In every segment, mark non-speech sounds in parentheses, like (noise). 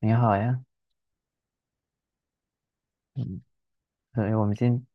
你好呀。嗯，对，我们今，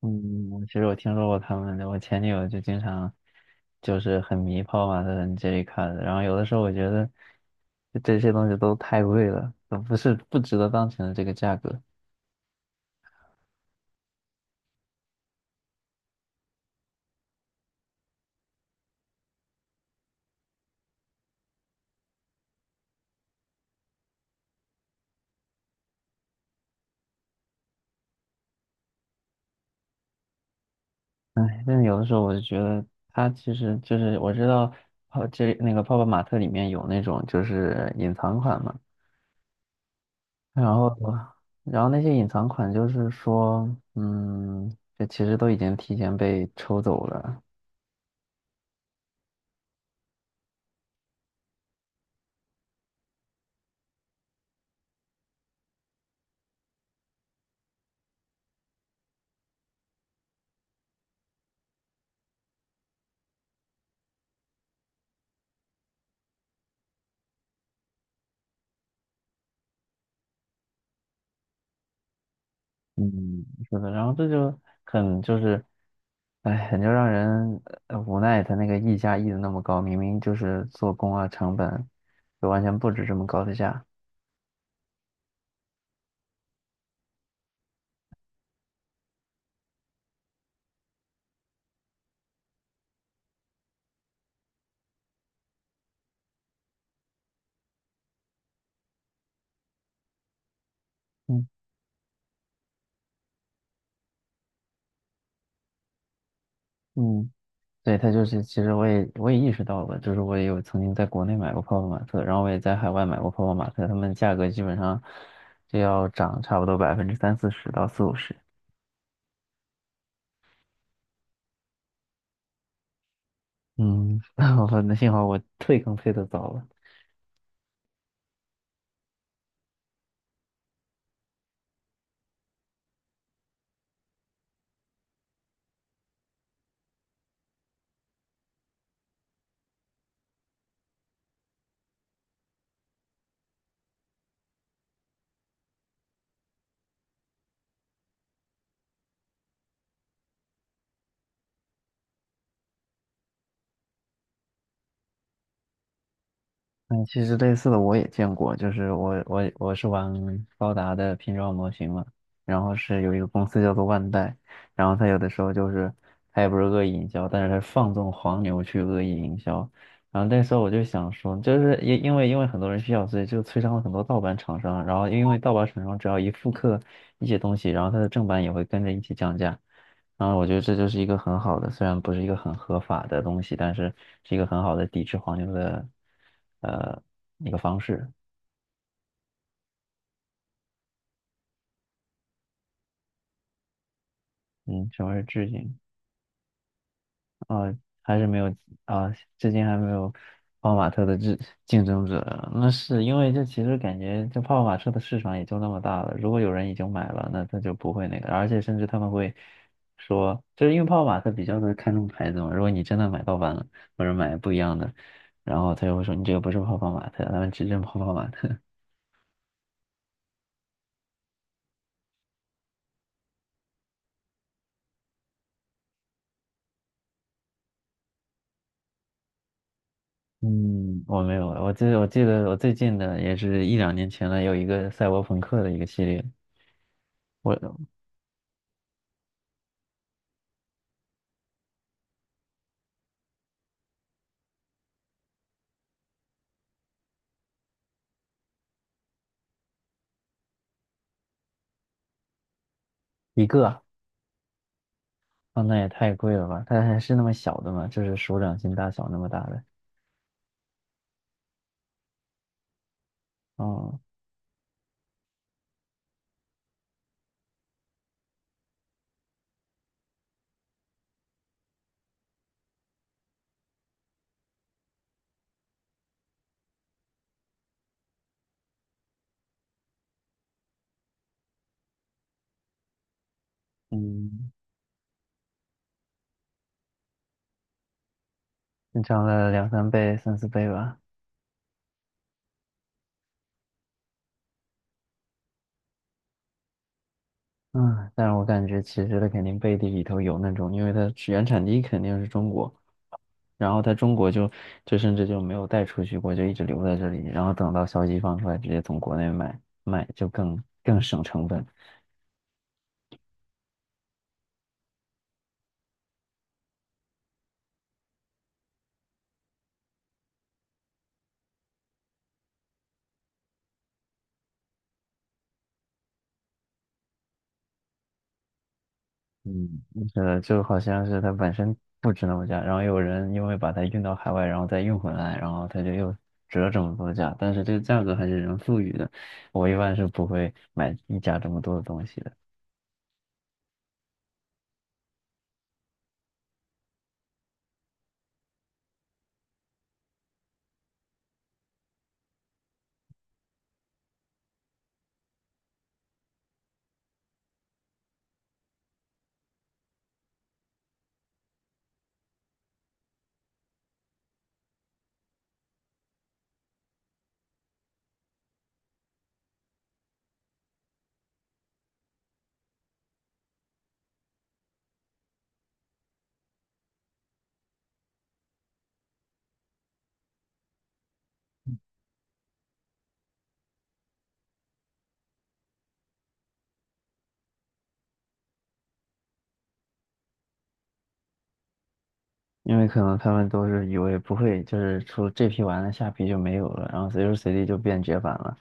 嗯，我其实听说过他们的，我前女友就经常就是很迷泡泡玛特很 J 卡的，然后有的时候我觉得就这些东西都太贵了，都不是不值得当前的这个价格。哎，但是有的时候我就觉得它其实就是我知道泡这那个泡泡玛特里面有那种就是隐藏款嘛，然后然后那些隐藏款就是说，嗯，这其实都已经提前被抽走了。嗯，是的，然后这就很就是，哎，很就让人无奈，他那个溢价溢的那么高，明明就是做工啊成本，就完全不止这么高的价。嗯。嗯，对，他就是，其实我也意识到了，就是我也有曾经在国内买过泡泡玛特，然后我也在海外买过泡泡玛特，他们价格基本上就要涨差不多百分之三四十到四五十。嗯，(laughs) 我那幸好我退坑退的早了。嗯，其实类似的我也见过，就是我是玩高达的拼装模型嘛，然后是有一个公司叫做万代，然后他有的时候就是他也不是恶意营销，但是他放纵黄牛去恶意营销，然后那时候我就想说，就是因为很多人需要，所以就催生了很多盗版厂商啊，然后因为盗版厂商只要一复刻一些东西，然后它的正版也会跟着一起降价，啊，我觉得这就是一个很好的，虽然不是一个很合法的东西，但是是一个很好的抵制黄牛的，呃，一个方式。嗯，什么是致敬？啊，还是没有。啊，至今还没有泡泡玛特的竞争者。那是因为这其实感觉这泡泡玛特的市场也就那么大了，如果有人已经买了，那他就不会那个，而且甚至他们会说，就是因为泡泡玛特比较的看重牌子嘛，如果你真的买盗版了，或者买不一样的，然后他就会说你这个不是泡泡玛特，他们只认泡泡玛特。(laughs) 嗯，我没有，我记得我最近的也是一两年前了，有一个赛博朋克的一个系列，我一个。啊，那也太贵了吧？它还是那么小的嘛，就是手掌心大小那么大的。哦。嗯，正常了两三倍、三四倍吧。嗯，但是我感觉其实它肯定背地里头有那种，因为它是原产地肯定是中国，然后它中国就就甚至就没有带出去过，就一直留在这里，然后等到消息放出来，直接从国内买卖就更省成本。嗯，是的，就好像是它本身不值那么价，然后有人因为把它运到海外，然后再运回来，然后它就又折这么多价，但是这个价格还是人赋予的。我一般是不会买溢价这么多的东西的，因为可能他们都是以为不会，就是出这批完了，下批就没有了，然后随时随地就变绝版了，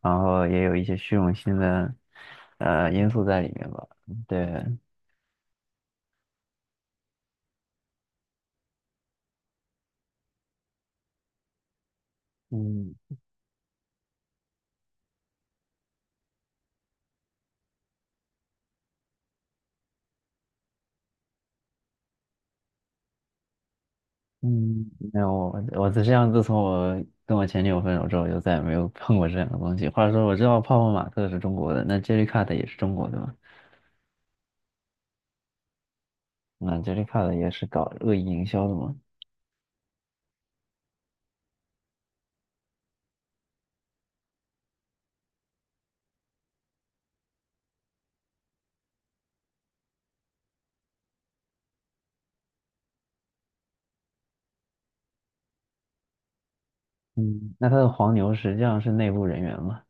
然后也有一些虚荣心的因素在里面吧。对。嗯。嗯，没有，我我只样自从我跟我前女友分手之后，就再也没有碰过这样的东西。话说，我知道泡泡玛特是中国的，那 Jellycat 也是中国的嘛？那 Jellycat 也是搞恶意营销的嘛？嗯，那他的黄牛实际上是内部人员嘛？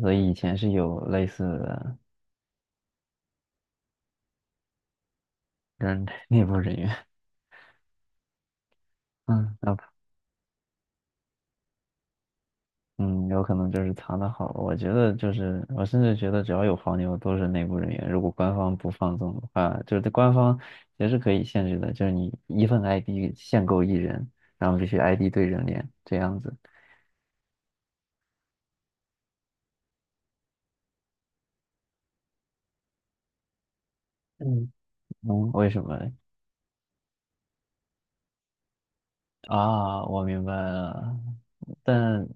所以以前是有类似的跟 (laughs) 内部人员。嗯，那嗯，有可能就是藏得好。我觉得就是，我甚至觉得只要有黄牛都是内部人员。如果官方不放纵的话，就是官方也是可以限制的，就是你一份 ID 限购一人，然后必须 ID 对人脸这样子。嗯。嗯，为什么嘞？啊，我明白了。但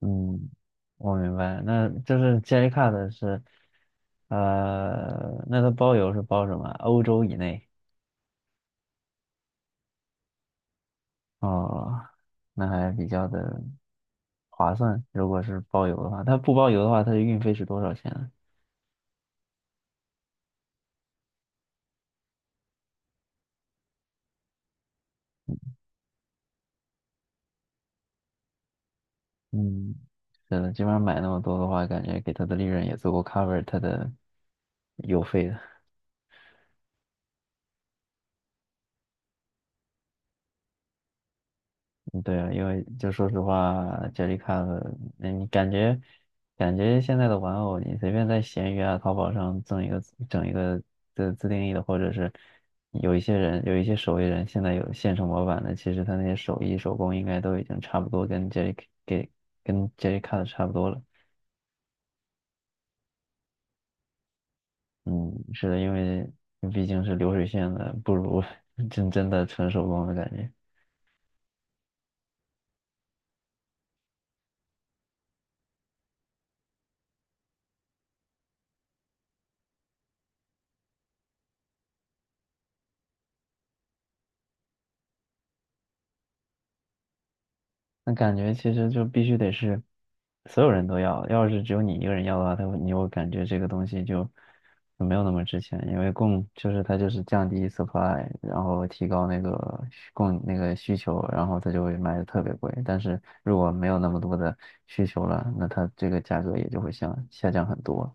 嗯，我明白，那就是杰 c 卡的是，那它包邮是包什么？欧洲以内。哦，那还比较的划算。如果是包邮的话，它不包邮的话，它的运费是多少钱呢？嗯，是的，基本上买那么多的话，感觉给它的利润也足够 cover 它的邮费的。嗯，对啊，因为就说实话，Jellycat,那你感觉感觉现在的玩偶，你随便在闲鱼啊、淘宝上赠一个整一个自定义的，或者是有一些人有一些手艺人现在有现成模板的，其实他那些手艺手工应该都已经差不多跟 Jelly 给跟 Jellycat 差不多了。嗯，是的，因为毕竟是流水线的，不如 (laughs) 真的纯手工的感觉。那感觉其实就必须得是所有人都要，要是只有你一个人要的话，他会你会感觉这个东西就没有那么值钱，因为供就是它就是降低 supply,然后提高那个需供那个需求，然后它就会卖的特别贵。但是如果没有那么多的需求了，那它这个价格也就会下降很多。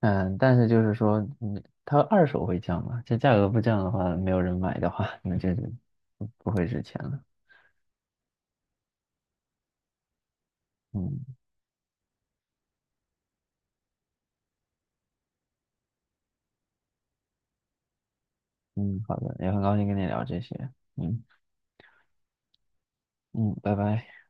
嗯，但是就是说，嗯，它二手会降嘛？这价格不降的话，没有人买的话，(laughs) 那就是不会值钱了。嗯。嗯，好的，也很高兴跟你聊这些。嗯。嗯，拜拜。